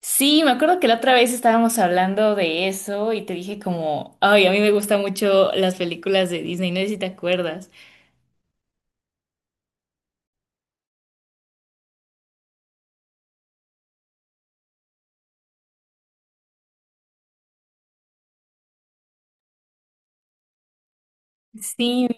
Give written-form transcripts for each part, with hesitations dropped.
Sí, me acuerdo que la otra vez estábamos hablando de eso y te dije como, ay, a mí me gustan mucho las películas de Disney, no sé si te acuerdas. Sí,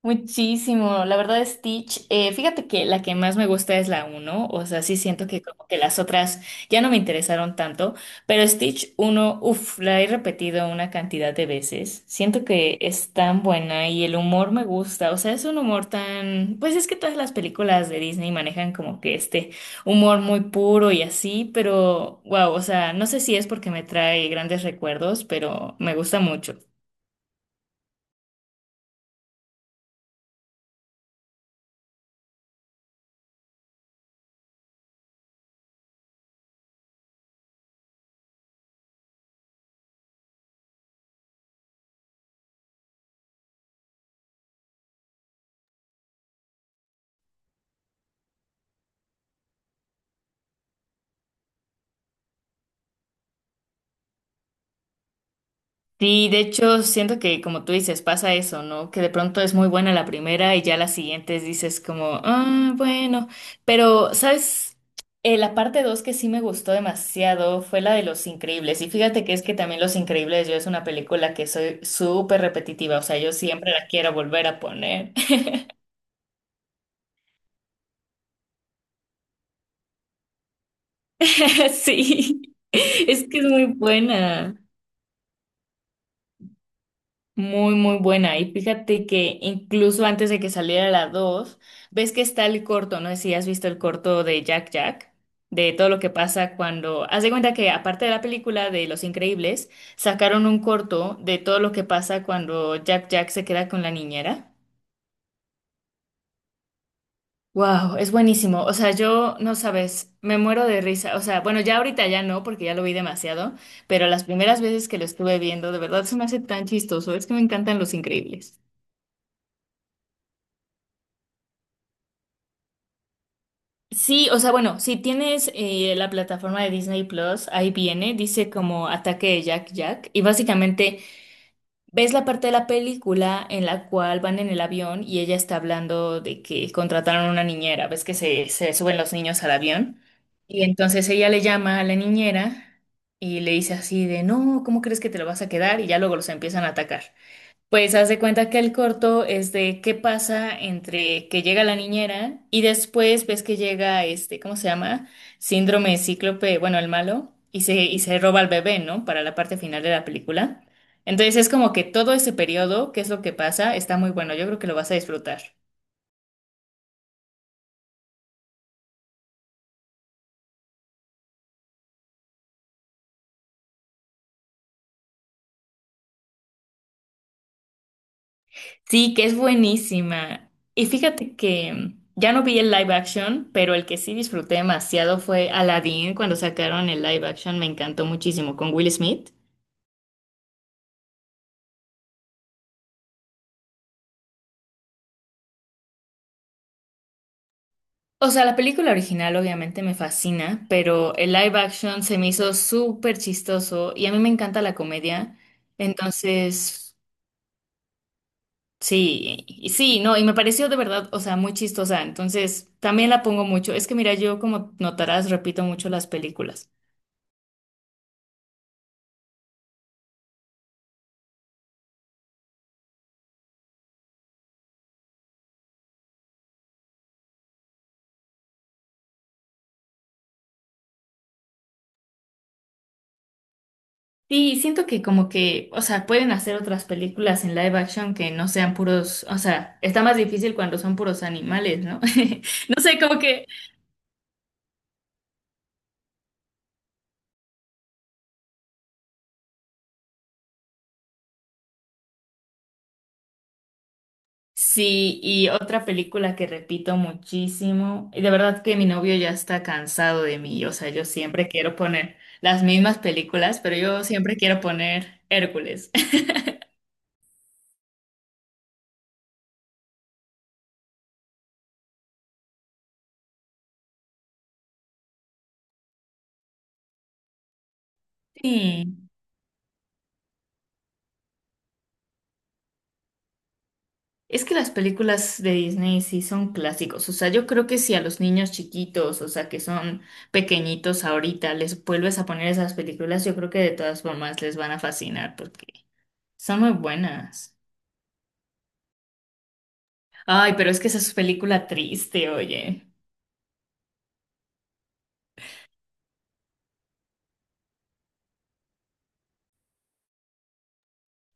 muchísimo, la verdad Stitch, fíjate que la que más me gusta es la uno, o sea, sí siento que como que las otras ya no me interesaron tanto, pero Stitch uno, uff, la he repetido una cantidad de veces, siento que es tan buena y el humor me gusta, o sea, es un humor tan, pues es que todas las películas de Disney manejan como que este humor muy puro y así, pero wow, o sea, no sé si es porque me trae grandes recuerdos, pero me gusta mucho. Sí, de hecho, siento que como tú dices, pasa eso, ¿no? Que de pronto es muy buena la primera y ya las siguientes dices como, ah, bueno, pero, ¿sabes? La parte dos que sí me gustó demasiado fue la de Los Increíbles. Y fíjate que es que también Los Increíbles, yo, es una película que soy súper repetitiva, o sea, yo siempre la quiero volver a poner. Sí, es que es muy buena. Muy, muy buena. Y fíjate que incluso antes de que saliera la dos, ves que está el corto, no sé si has visto el corto de Jack Jack, de todo lo que pasa cuando... Haz de cuenta que aparte de la película de Los Increíbles, sacaron un corto de todo lo que pasa cuando Jack Jack se queda con la niñera. Wow, es buenísimo. O sea, yo, no sabes, me muero de risa. O sea, bueno, ya ahorita ya no, porque ya lo vi demasiado, pero las primeras veces que lo estuve viendo, de verdad se me hace tan chistoso. Es que me encantan Los Increíbles. Sí, o sea, bueno, si tienes la plataforma de Disney Plus, ahí viene, dice como Ataque de Jack Jack, y básicamente ves la parte de la película en la cual van en el avión y ella está hablando de que contrataron una niñera, ves que se suben los niños al avión, y entonces ella le llama a la niñera y le dice así de, no, ¿cómo crees que te lo vas a quedar? Y ya luego los empiezan a atacar. Pues haz de cuenta que el corto es de qué pasa entre que llega la niñera y después ves que llega este, ¿cómo se llama? Síndrome de cíclope, bueno, el malo, y se roba al bebé, ¿no? Para la parte final de la película. Entonces es como que todo ese periodo, qué es lo que pasa, está muy bueno. Yo creo que lo vas a disfrutar. Sí, que es buenísima. Y fíjate que ya no vi el live action, pero el que sí disfruté demasiado fue Aladdin cuando sacaron el live action, me encantó muchísimo con Will Smith. O sea, la película original obviamente me fascina, pero el live action se me hizo súper chistoso y a mí me encanta la comedia. Entonces, sí, no, y me pareció de verdad, o sea, muy chistosa. Entonces, también la pongo mucho. Es que mira, yo, como notarás, repito mucho las películas. Sí, siento que como que, o sea, pueden hacer otras películas en live action que no sean puros, o sea, está más difícil cuando son puros animales, ¿no? No sé, como que... Sí, y otra película que repito muchísimo, y de verdad que mi novio ya está cansado de mí, o sea, yo siempre quiero poner las mismas películas, pero yo siempre quiero poner Hércules. Sí, es que las películas de Disney sí son clásicos, o sea, yo creo que si a los niños chiquitos, o sea, que son pequeñitos ahorita, les vuelves a poner esas películas, yo creo que de todas formas les van a fascinar porque son muy buenas. Ay, pero es que esa es película triste, oye.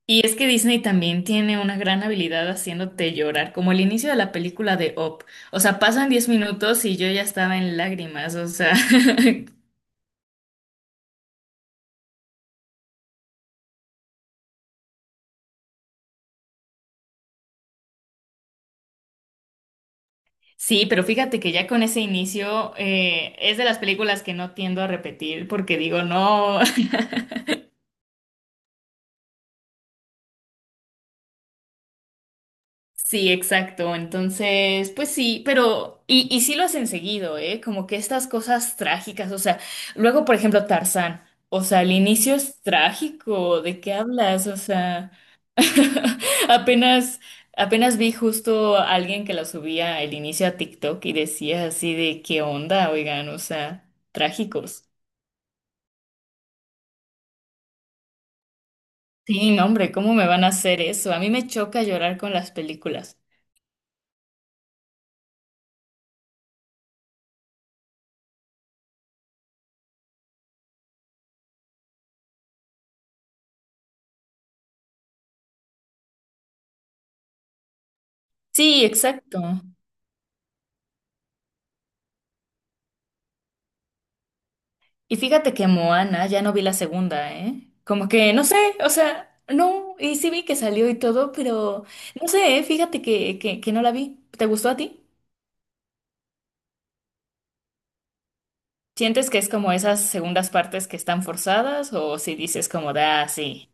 Y es que Disney también tiene una gran habilidad haciéndote llorar, como el inicio de la película de Up. O sea, pasan 10 minutos y yo ya estaba en lágrimas, o sea. Sí, pero fíjate que ya con ese inicio, es de las películas que no tiendo a repetir porque digo, no. Sí, exacto. Entonces, pues sí, pero. Y sí lo hacen seguido, ¿eh? Como que estas cosas trágicas, o sea, luego, por ejemplo, Tarzán. O sea, el inicio es trágico. ¿De qué hablas? O sea. Apenas, apenas vi justo a alguien que la subía el inicio a TikTok y decía así de qué onda, oigan, o sea, trágicos. Sí, no, hombre, ¿cómo me van a hacer eso? A mí me choca llorar con las películas. Sí, exacto. Y fíjate que Moana ya no vi la segunda, ¿eh? Como que, no sé, o sea, no, y sí vi que salió y todo, pero no sé, ¿eh? Fíjate que no la vi. ¿Te gustó a ti? ¿Sientes que es como esas segundas partes que están forzadas o si dices como da, sí?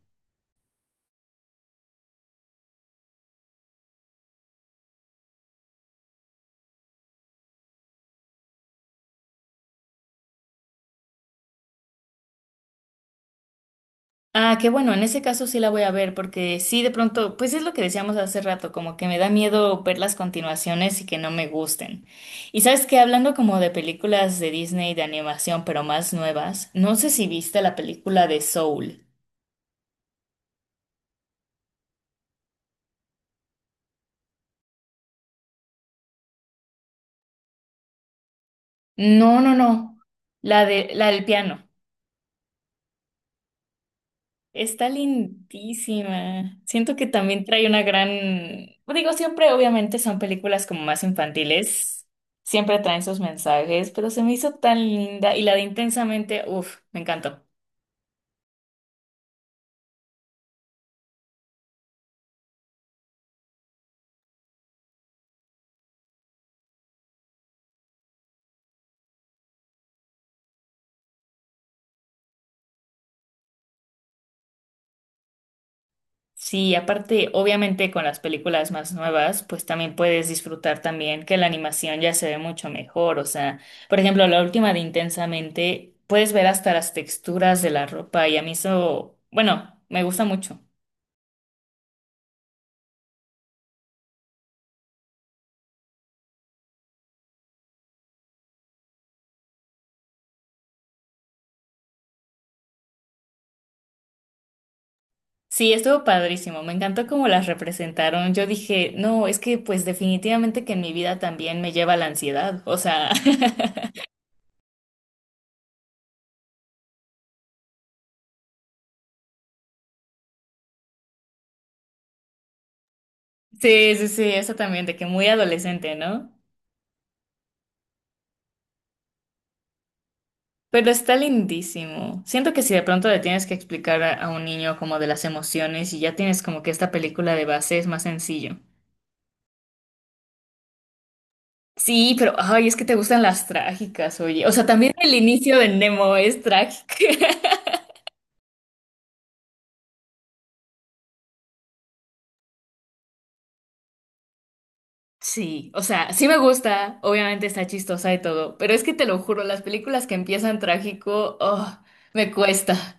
Ah, qué bueno, en ese caso sí la voy a ver, porque sí, de pronto, pues es lo que decíamos hace rato, como que me da miedo ver las continuaciones y que no me gusten. Y sabes que hablando como de películas de Disney de animación, pero más nuevas, no sé si viste la película de Soul. No, no, no, la del piano. Está lindísima. Siento que también trae una gran... pues digo, siempre obviamente son películas como más infantiles, siempre traen sus mensajes, pero se me hizo tan linda y la de Intensamente, uff, me encantó. Sí, aparte, obviamente con las películas más nuevas, pues también puedes disfrutar también que la animación ya se ve mucho mejor. O sea, por ejemplo, la última de Intensamente, puedes ver hasta las texturas de la ropa y a mí eso, bueno, me gusta mucho. Sí, estuvo padrísimo, me encantó cómo las representaron. Yo dije, no, es que pues definitivamente que en mi vida también me lleva la ansiedad, o sea, sí, sí, sí, eso también, de que muy adolescente, ¿no? Pero está lindísimo. Siento que si de pronto le tienes que explicar a un niño como de las emociones y ya tienes como que esta película de base, es más sencillo. Sí, pero, ay, es que te gustan las trágicas, oye. O sea, también el inicio de Nemo es trágico. Sí, o sea, sí me gusta, obviamente está chistosa y todo, pero es que te lo juro, las películas que empiezan trágico, oh, me cuesta.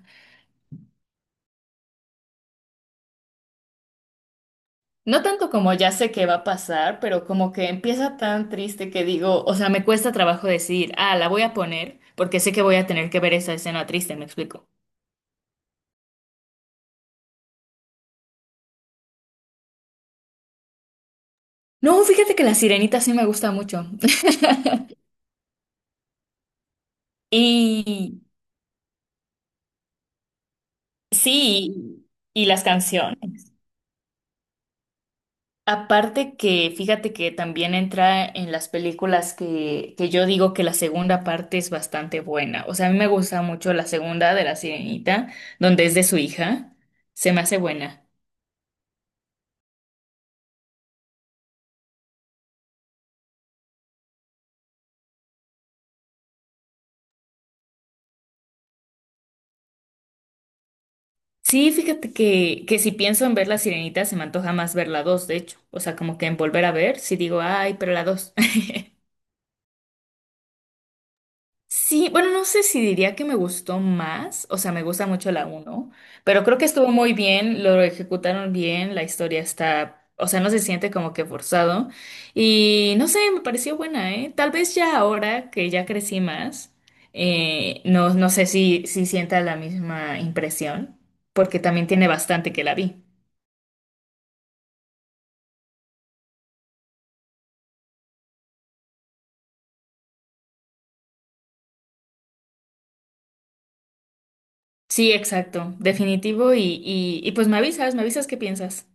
No tanto como ya sé qué va a pasar, pero como que empieza tan triste que digo, o sea, me cuesta trabajo decir, ah, la voy a poner, porque sé que voy a tener que ver esa escena triste, me explico. No, fíjate que La Sirenita sí me gusta mucho. Y sí, y las canciones. Aparte que, fíjate que también entra en las películas que yo digo que la segunda parte es bastante buena. O sea, a mí me gusta mucho la segunda de La Sirenita, donde es de su hija. Se me hace buena. Sí, fíjate que si pienso en ver La Sirenita, se me antoja más ver la dos, de hecho. O sea, como que en volver a ver, si digo, ay, pero la dos. Sí, bueno, no sé si diría que me gustó más, o sea, me gusta mucho la uno, pero creo que estuvo muy bien, lo ejecutaron bien, la historia está, o sea, no se siente como que forzado y no sé, me pareció buena, ¿eh? Tal vez ya ahora que ya crecí más, no, no sé si sienta la misma impresión, porque también tiene bastante que la vi. Sí, exacto, definitivo y pues me avisas qué piensas.